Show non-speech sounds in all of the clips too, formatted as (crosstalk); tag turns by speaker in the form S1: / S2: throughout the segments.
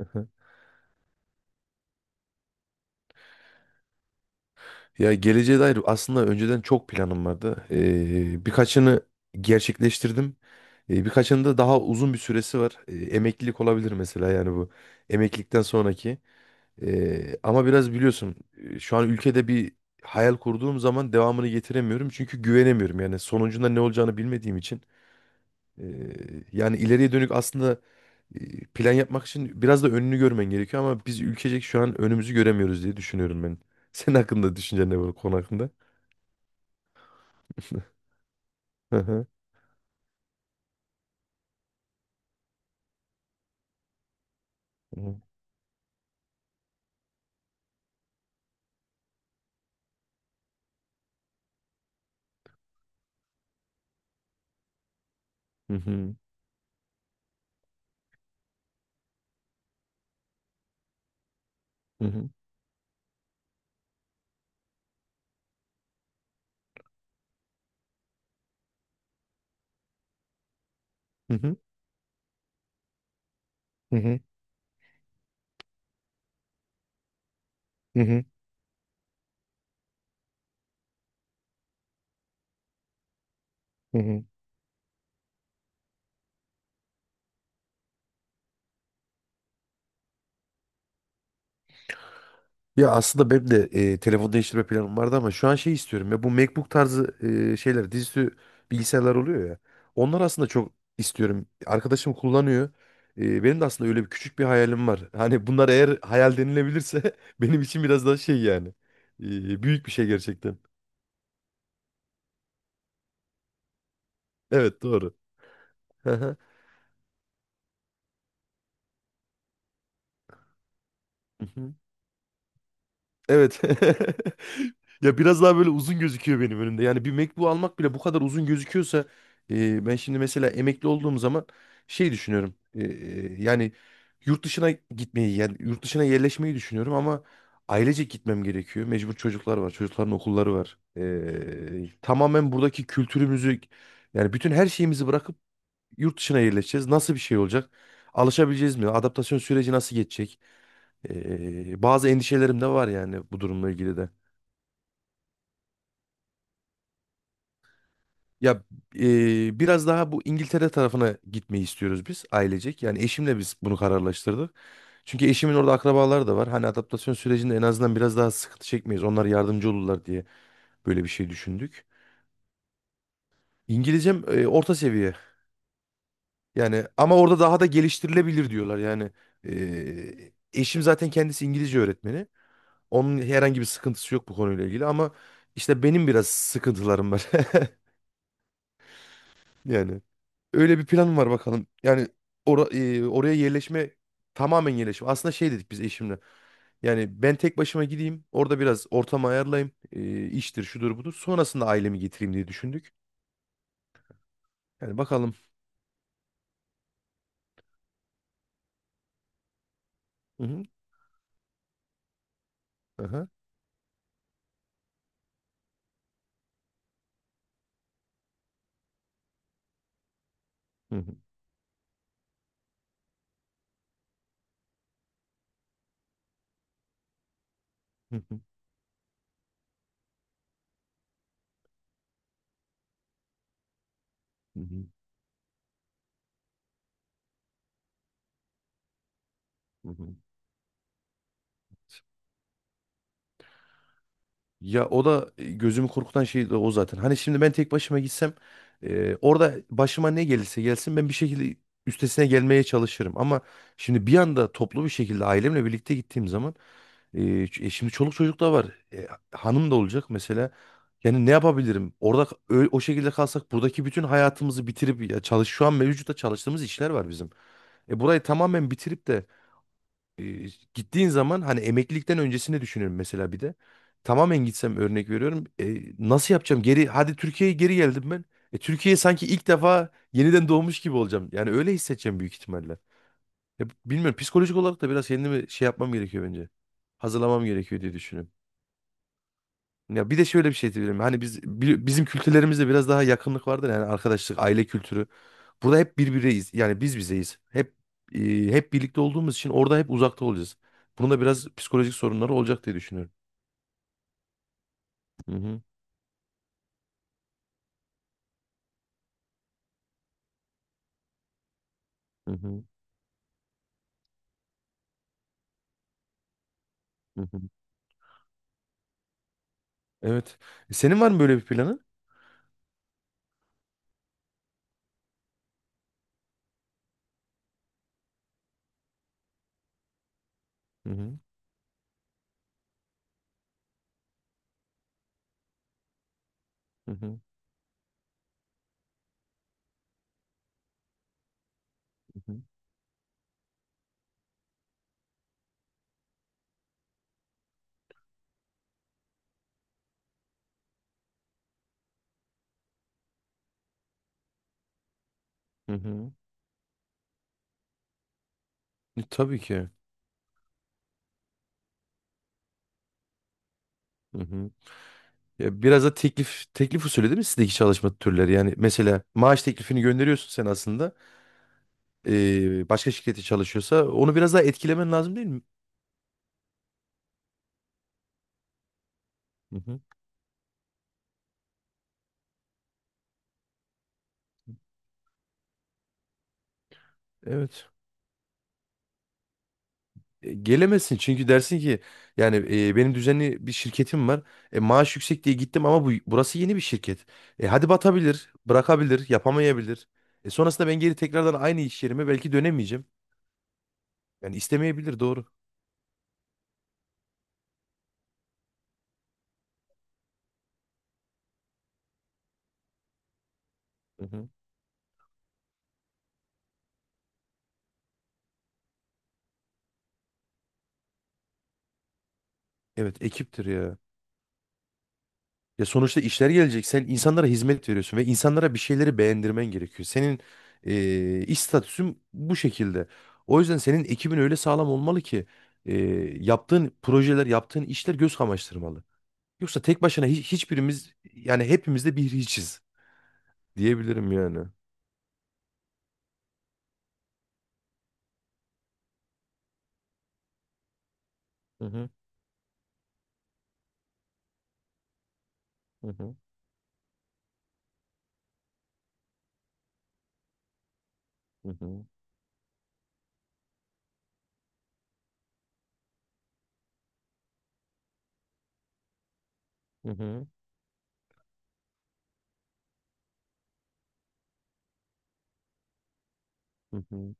S1: Aha. Ya geleceğe dair aslında önceden çok planım vardı. Birkaçını gerçekleştirdim. Birkaçının da daha uzun bir süresi var. Emeklilik olabilir mesela yani bu. Emeklilikten sonraki. Ama biraz biliyorsun şu an ülkede bir hayal kurduğum zaman devamını getiremiyorum. Çünkü güvenemiyorum yani sonucunda ne olacağını bilmediğim için. Ee, Yani ileriye dönük aslında plan yapmak için biraz da önünü görmen gerekiyor ama biz ülkecek şu an önümüzü göremiyoruz diye düşünüyorum ben. (laughs) Senin hakkında düşüncen ne bu konu hakkında? Hı hı. Hı hı. Hı hı. Hı hı. Hı hı. Hı hı. Hı hı. Ya aslında benim de telefon değiştirme planım vardı ama şu an şey istiyorum ya bu MacBook tarzı şeyler dizüstü bilgisayarlar oluyor ya. Onlar aslında çok istiyorum. Arkadaşım kullanıyor. Benim de aslında öyle bir küçük bir hayalim var. (laughs) Hani bunlar eğer hayal denilebilirse (laughs) benim için biraz daha şey yani. Büyük bir şey gerçekten. Evet doğru. (laughs) Evet. (laughs) Ya biraz daha böyle uzun gözüküyor benim önümde. Yani bir MacBook almak bile bu kadar uzun gözüküyorsa ben şimdi mesela emekli olduğum zaman şey düşünüyorum. Yani yurt dışına gitmeyi yani yurt dışına yerleşmeyi düşünüyorum ama ailecek gitmem gerekiyor. Mecbur çocuklar var. Çocukların okulları var. Tamamen buradaki kültürümüzü yani bütün her şeyimizi bırakıp yurt dışına yerleşeceğiz. Nasıl bir şey olacak? Alışabileceğiz mi? Adaptasyon süreci nasıl geçecek? Bazı endişelerim de var yani bu durumla ilgili de. Ya biraz daha bu İngiltere tarafına gitmeyi istiyoruz biz ailecek. Yani eşimle biz bunu kararlaştırdık. Çünkü eşimin orada akrabaları da var. Hani adaptasyon sürecinde en azından biraz daha sıkıntı çekmeyiz. Onlar yardımcı olurlar diye böyle bir şey düşündük. İngilizcem orta seviye. Yani ama orada daha da geliştirilebilir diyorlar. Yani eşim zaten kendisi İngilizce öğretmeni. Onun herhangi bir sıkıntısı yok bu konuyla ilgili ama işte benim biraz sıkıntılarım var. (laughs) Yani öyle bir planım var bakalım. Yani oraya yerleşme tamamen yerleşme. Aslında şey dedik biz eşimle. Yani ben tek başıma gideyim. Orada biraz ortamı ayarlayayım. E, iştir şudur budur. Sonrasında ailemi getireyim diye düşündük. Yani bakalım. Hı hı. Aha. Hı hı. Hı hı. Hı hı. Hı hı. Ya o da gözümü korkutan şey de o zaten. Hani şimdi ben tek başıma gitsem orada başıma ne gelirse gelsin ben bir şekilde üstesine gelmeye çalışırım. Ama şimdi bir anda toplu bir şekilde ailemle birlikte gittiğim zaman şimdi çoluk çocuk da var. Hanım da olacak mesela. Yani ne yapabilirim? Orada o şekilde kalsak buradaki bütün hayatımızı bitirip ya çalış şu an mevcutta çalıştığımız işler var bizim. Burayı tamamen bitirip de e, gittiğin zaman hani emeklilikten öncesini düşünüyorum mesela bir de. Tamamen gitsem örnek veriyorum. Nasıl yapacağım? Geri hadi Türkiye'ye geri geldim ben. Türkiye'ye sanki ilk defa yeniden doğmuş gibi olacağım. Yani öyle hissedeceğim büyük ihtimalle. Ya, bilmiyorum psikolojik olarak da biraz kendimi şey yapmam gerekiyor bence. Hazırlamam gerekiyor diye düşünüyorum. Ya bir de şöyle bir şey diyebilirim. Hani biz bizim kültürlerimizde biraz daha yakınlık vardır yani arkadaşlık, aile kültürü. Burada hep birbiriyiz. Yani biz bizeyiz. E, Hep birlikte olduğumuz için orada hep uzakta olacağız. Bunun da biraz psikolojik sorunları olacak diye düşünüyorum. Hı hı, hı hı, hı hı. Evet. E, senin var mı böyle bir planın? Hı hı, hı hı, hı hı. Hı hı. E, tabii ki. Hı hı. Ya biraz da teklif teklif usulü değil mi sizdeki çalışma türleri? Yani mesela maaş teklifini gönderiyorsun sen aslında. E, başka şirkette çalışıyorsa onu biraz daha etkilemen lazım değil mi? Hı hı. Evet. E, gelemezsin çünkü dersin ki yani benim düzenli bir şirketim var. E, maaş yüksek diye gittim ama bu burası yeni bir şirket. E, hadi batabilir, bırakabilir, yapamayabilir. E, sonrasında ben geri tekrardan aynı iş yerime belki dönemeyeceğim. Yani istemeyebilir doğru. Hı hı. Evet ekiptir ya. Ya sonuçta işler gelecek. Sen insanlara hizmet veriyorsun ve insanlara bir şeyleri beğendirmen gerekiyor. Senin iş statüsün bu şekilde. O yüzden senin ekibin öyle sağlam olmalı ki e, yaptığın projeler, yaptığın işler göz kamaştırmalı. Yoksa tek başına hiçbirimiz yani hepimiz de bir hiçiz diyebilirim yani. Hı hı, hı hı, hı hı, hı hı.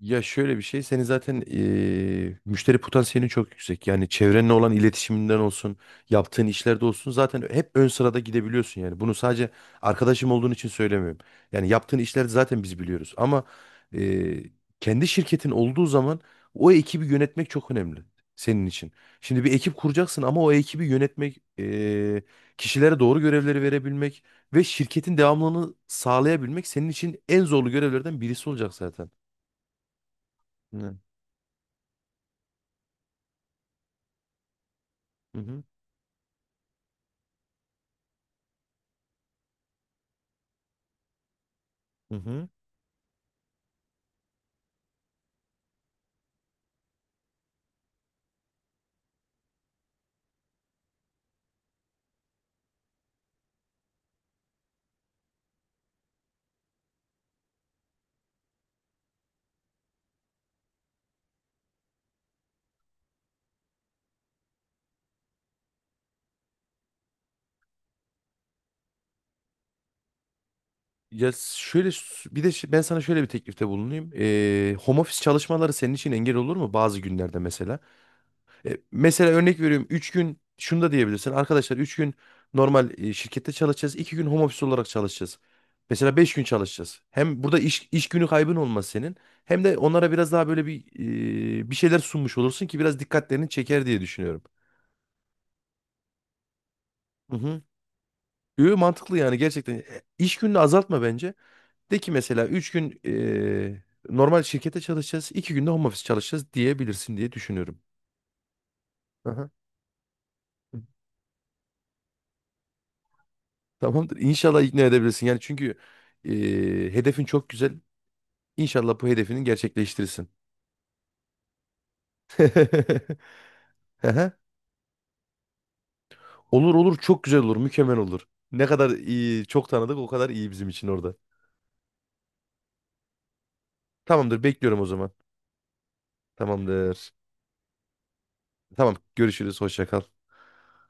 S1: Ya şöyle bir şey, senin zaten müşteri potansiyelin çok yüksek. Yani çevrenle olan iletişiminden olsun, yaptığın işlerde olsun zaten hep ön sırada gidebiliyorsun yani. Bunu sadece arkadaşım olduğun için söylemiyorum. Yani yaptığın işleri zaten biz biliyoruz. Ama eee, kendi şirketin olduğu zaman o ekibi yönetmek çok önemli senin için. Şimdi bir ekip kuracaksın ama o ekibi yönetmek, kişilere doğru görevleri verebilmek ve şirketin devamlılığını sağlayabilmek senin için en zorlu görevlerden birisi olacak zaten. Hı hı. Hı hı. Ya şöyle s- bir de şi- Ben sana şöyle bir teklifte bulunayım. Home office çalışmaları senin için engel olur mu bazı günlerde mesela? E, mesela örnek veriyorum 3 gün şunu da diyebilirsin. Arkadaşlar 3 gün normal şirkette çalışacağız. İki gün home office olarak çalışacağız. Mesela 5 gün çalışacağız. Hem burada iş günü kaybın olmaz senin. Hem de onlara biraz daha böyle bir bir şeyler sunmuş olursun ki biraz dikkatlerini çeker diye düşünüyorum. Hı hı. Yo, mantıklı yani gerçekten. E, İş gününü azaltma bence. De ki mesela 3 gün normal şirkete çalışacağız, 2 günde home office çalışacağız diyebilirsin diye düşünüyorum. Aha. Tamamdır. İnşallah ikna edebilirsin. Yani çünkü hedefin çok güzel. İnşallah bu hedefini gerçekleştirirsin. (laughs) Aha. Olur olur çok güzel olur, mükemmel olur. Ne kadar iyi, çok tanıdık o kadar iyi bizim için orada. Tamamdır, bekliyorum o zaman. Tamamdır. Tamam, görüşürüz. Hoşça kal.